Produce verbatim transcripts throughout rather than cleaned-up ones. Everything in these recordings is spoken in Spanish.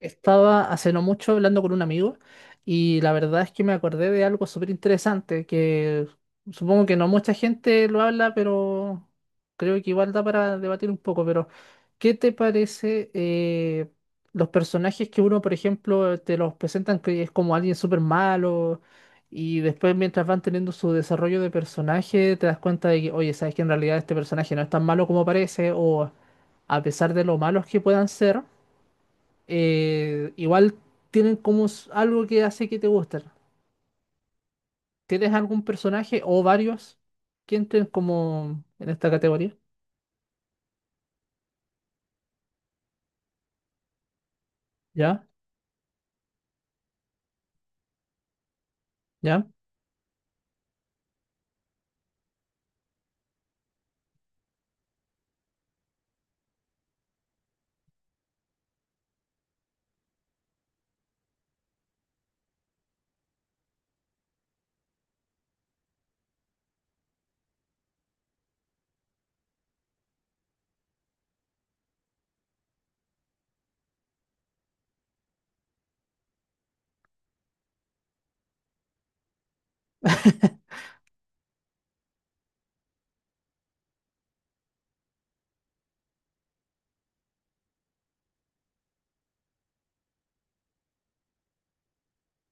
Estaba hace no mucho hablando con un amigo y la verdad es que me acordé de algo súper interesante que supongo que no mucha gente lo habla, pero creo que igual da para debatir un poco. Pero ¿qué te parece, eh, los personajes que uno, por ejemplo, te los presentan que es como alguien súper malo y después, mientras van teniendo su desarrollo de personaje, te das cuenta de que, oye, sabes que en realidad este personaje no es tan malo como parece, o a pesar de lo malos que puedan ser, eh, igual tienen como s- algo que hace que te gusten? ¿Tienes algún personaje o varios que entren como en esta categoría? ¿Ya? ¿Ya?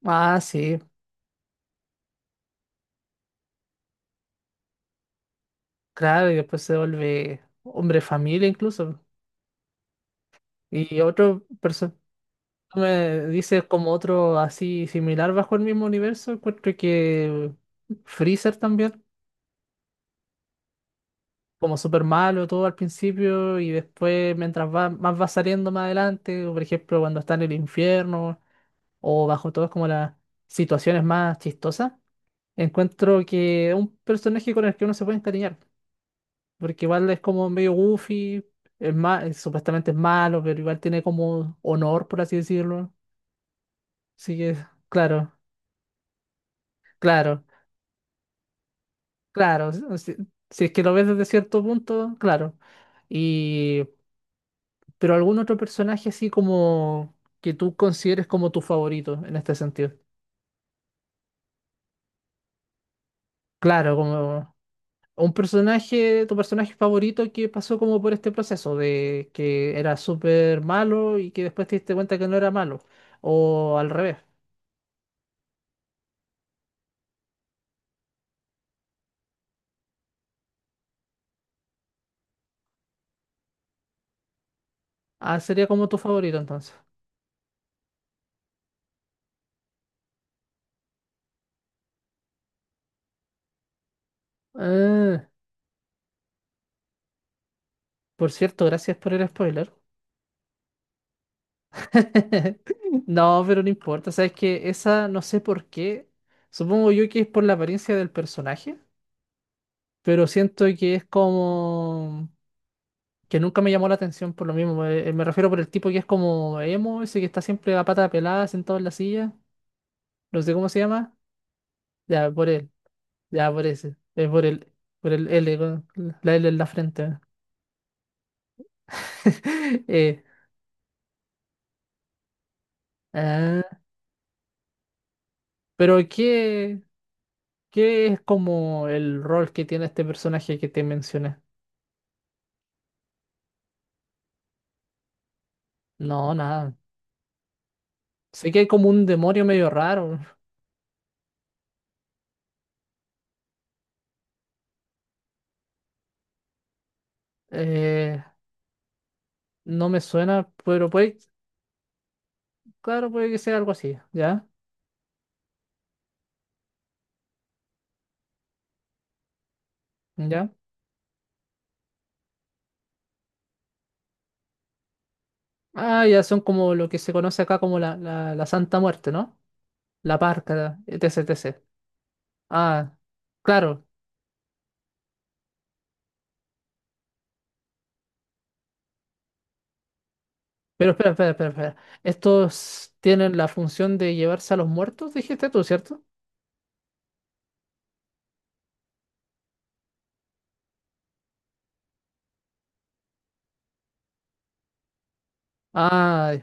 Ah, sí, claro, y después se vuelve hombre familia incluso. Y otro personaje, me dice como otro así similar bajo el mismo universo, encuentro que Freezer también, como súper malo todo al principio y después mientras va, más va saliendo más adelante, por ejemplo cuando está en el infierno, o bajo todo es como las situaciones más chistosas, encuentro que es un personaje con el que uno se puede encariñar, porque igual es como medio goofy, es ma- es- supuestamente es malo, pero igual tiene como honor, por así decirlo. Así que claro, claro, claro, si, si si es que lo ves desde cierto punto, claro. Y pero algún otro personaje así como que tú consideres como tu favorito en este sentido. Claro, como... Un personaje, tu personaje favorito que pasó como por este proceso de que era súper malo y que después te diste cuenta que no era malo. O al revés. Ah, sería como tu favorito entonces. Ah, por cierto, gracias por el spoiler. No, pero no importa. Sabes que esa, no sé por qué. Supongo yo que es por la apariencia del personaje, pero siento que es como que nunca me llamó la atención por lo mismo. eh, Me refiero por el tipo que es como emo, ese que está siempre a pata pelada, sentado en la silla. No sé cómo se llama, ya por él, ya por ese, es por el, por el L, con la L en la frente. Eh, ah, pero ¿qué, ¿qué es como el rol que tiene este personaje que te mencioné? No, nada. Sé que hay como un demonio medio raro. Eh, no me suena, pero puede, claro, puede que sea algo así, ¿ya? ¿Ya? Ah, ya, son como lo que se conoce acá como la, la, la Santa Muerte, ¿no? La Parca, etc., etcétera. Ah. Claro. Pero espera, espera, espera, espera. Estos tienen la función de llevarse a los muertos, dijiste tú, ¿cierto? Ah,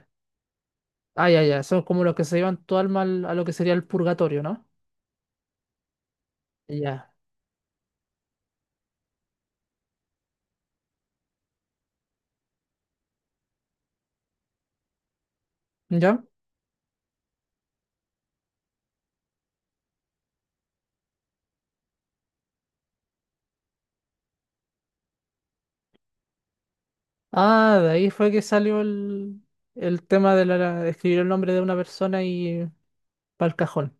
ah, ya, ya. Son como los que se llevan tu alma al- a lo que sería el purgatorio, ¿no? Ya. ¿Ya? Ah, de ahí fue que salió el, el tema de la, la- de escribir el nombre de una persona y para el cajón.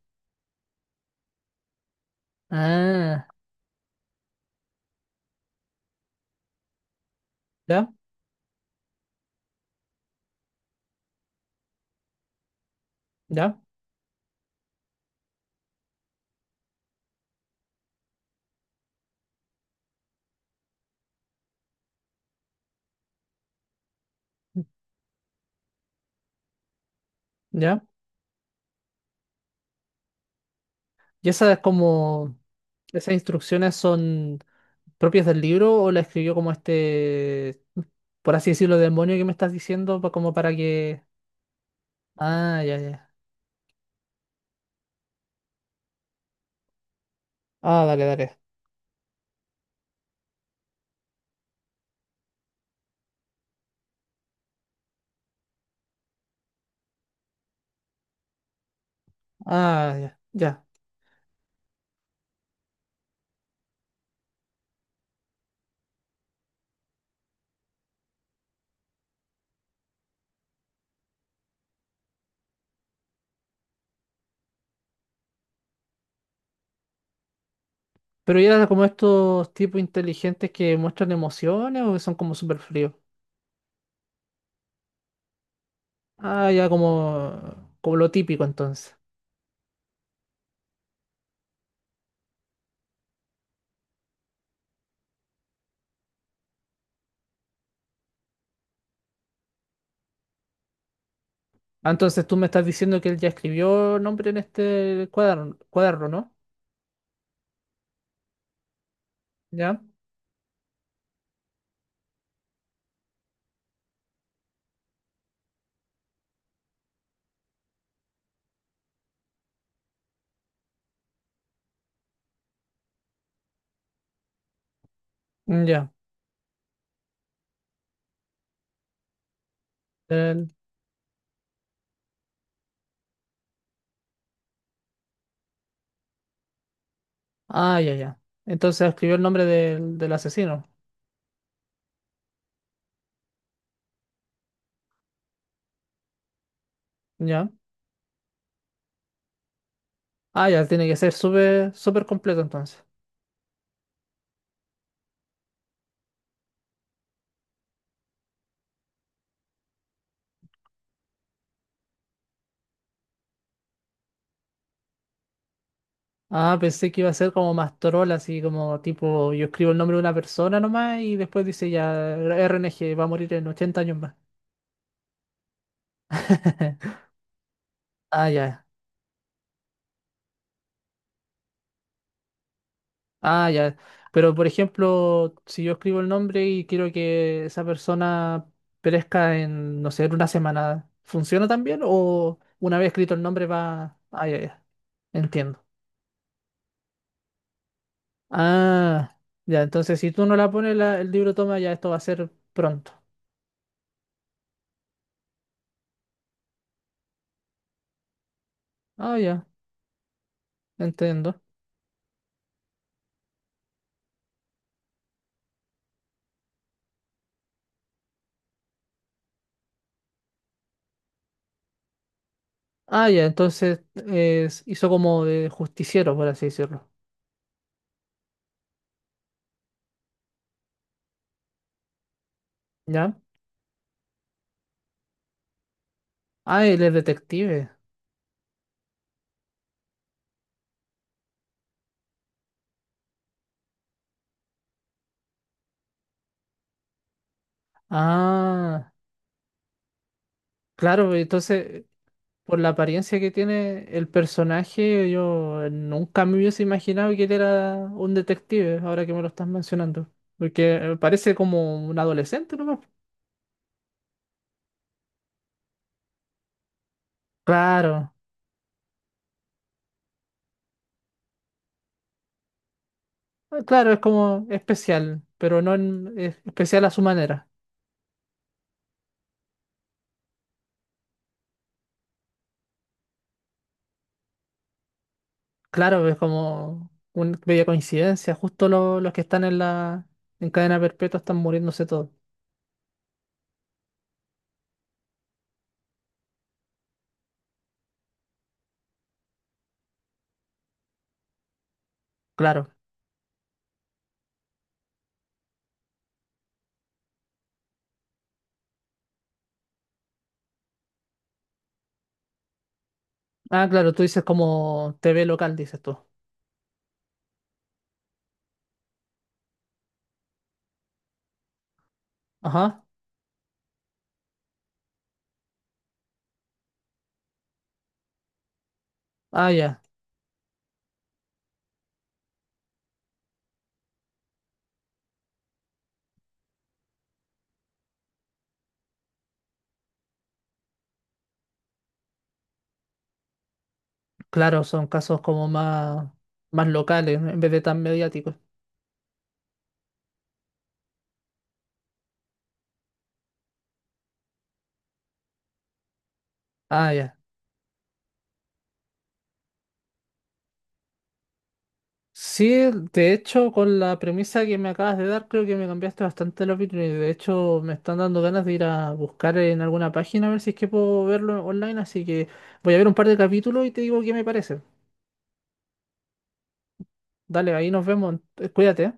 Ah, ya, ya, ya. Y esas como, esas instrucciones son propias del libro o la escribió como este, por así decirlo, demonio que me estás diciendo, pa- como para que... Ah, ya, ya. Ah, dale, dale. Ah, ya, ya. Pero ya era como estos tipos inteligentes que muestran emociones o que son como súper fríos. Ah, ya, como, como lo típico entonces. Ah, entonces tú me estás diciendo que él ya escribió nombre en este cuaderno, cuaderno, ¿no? Ya. Mm, ya. El- Ah, ya, ya. Entonces escribió el nombre del, del asesino. Ya. Ah, ya, tiene que ser súper, súper completo entonces. Ah, pensé que iba a ser como más troll, así como tipo, yo escribo el nombre de una persona nomás y después dice ya, R N G va a morir en ochenta años más. Ah, ya, ah, ya. Pero por ejemplo, si yo escribo el nombre y quiero que esa persona perezca en, no sé, en una semana, ¿funciona también? ¿O una vez escrito el nombre va... Ah, ya, ya, entiendo. Ah, ya, entonces si tú no la pones, la- el libro toma, ya esto va a ser pronto. Ah, ya, entiendo. Ah, ya, entonces es- hizo como de justiciero, por así decirlo. ¿Ya? Ah, él es detective. Ah, claro, pues, entonces, por la apariencia que tiene el personaje, yo nunca me hubiese imaginado que él era un detective, ahora que me lo estás mencionando. Porque eh, parece como un adolescente nomás. Claro, ah, claro, es como especial, pero no en- es especial a su manera. Claro, es como una bella coincidencia. Justo lo- los que están en la en cadena perpetua están muriéndose todos. Claro. Ah, claro, tú dices como T V local, dices tú. Ajá. Ah, ya. Claro, son casos como más, más locales, ¿no?, en vez de tan mediáticos. Ah, ya. Sí, de hecho, con la premisa que me acabas de dar, creo que me cambiaste bastante la opinión. Y de hecho, me están dando ganas de ir a buscar en alguna página a ver si es que puedo verlo online. Así que voy a ver un par de capítulos y te digo qué me parece. Dale, ahí nos vemos. Cuídate, ¿eh?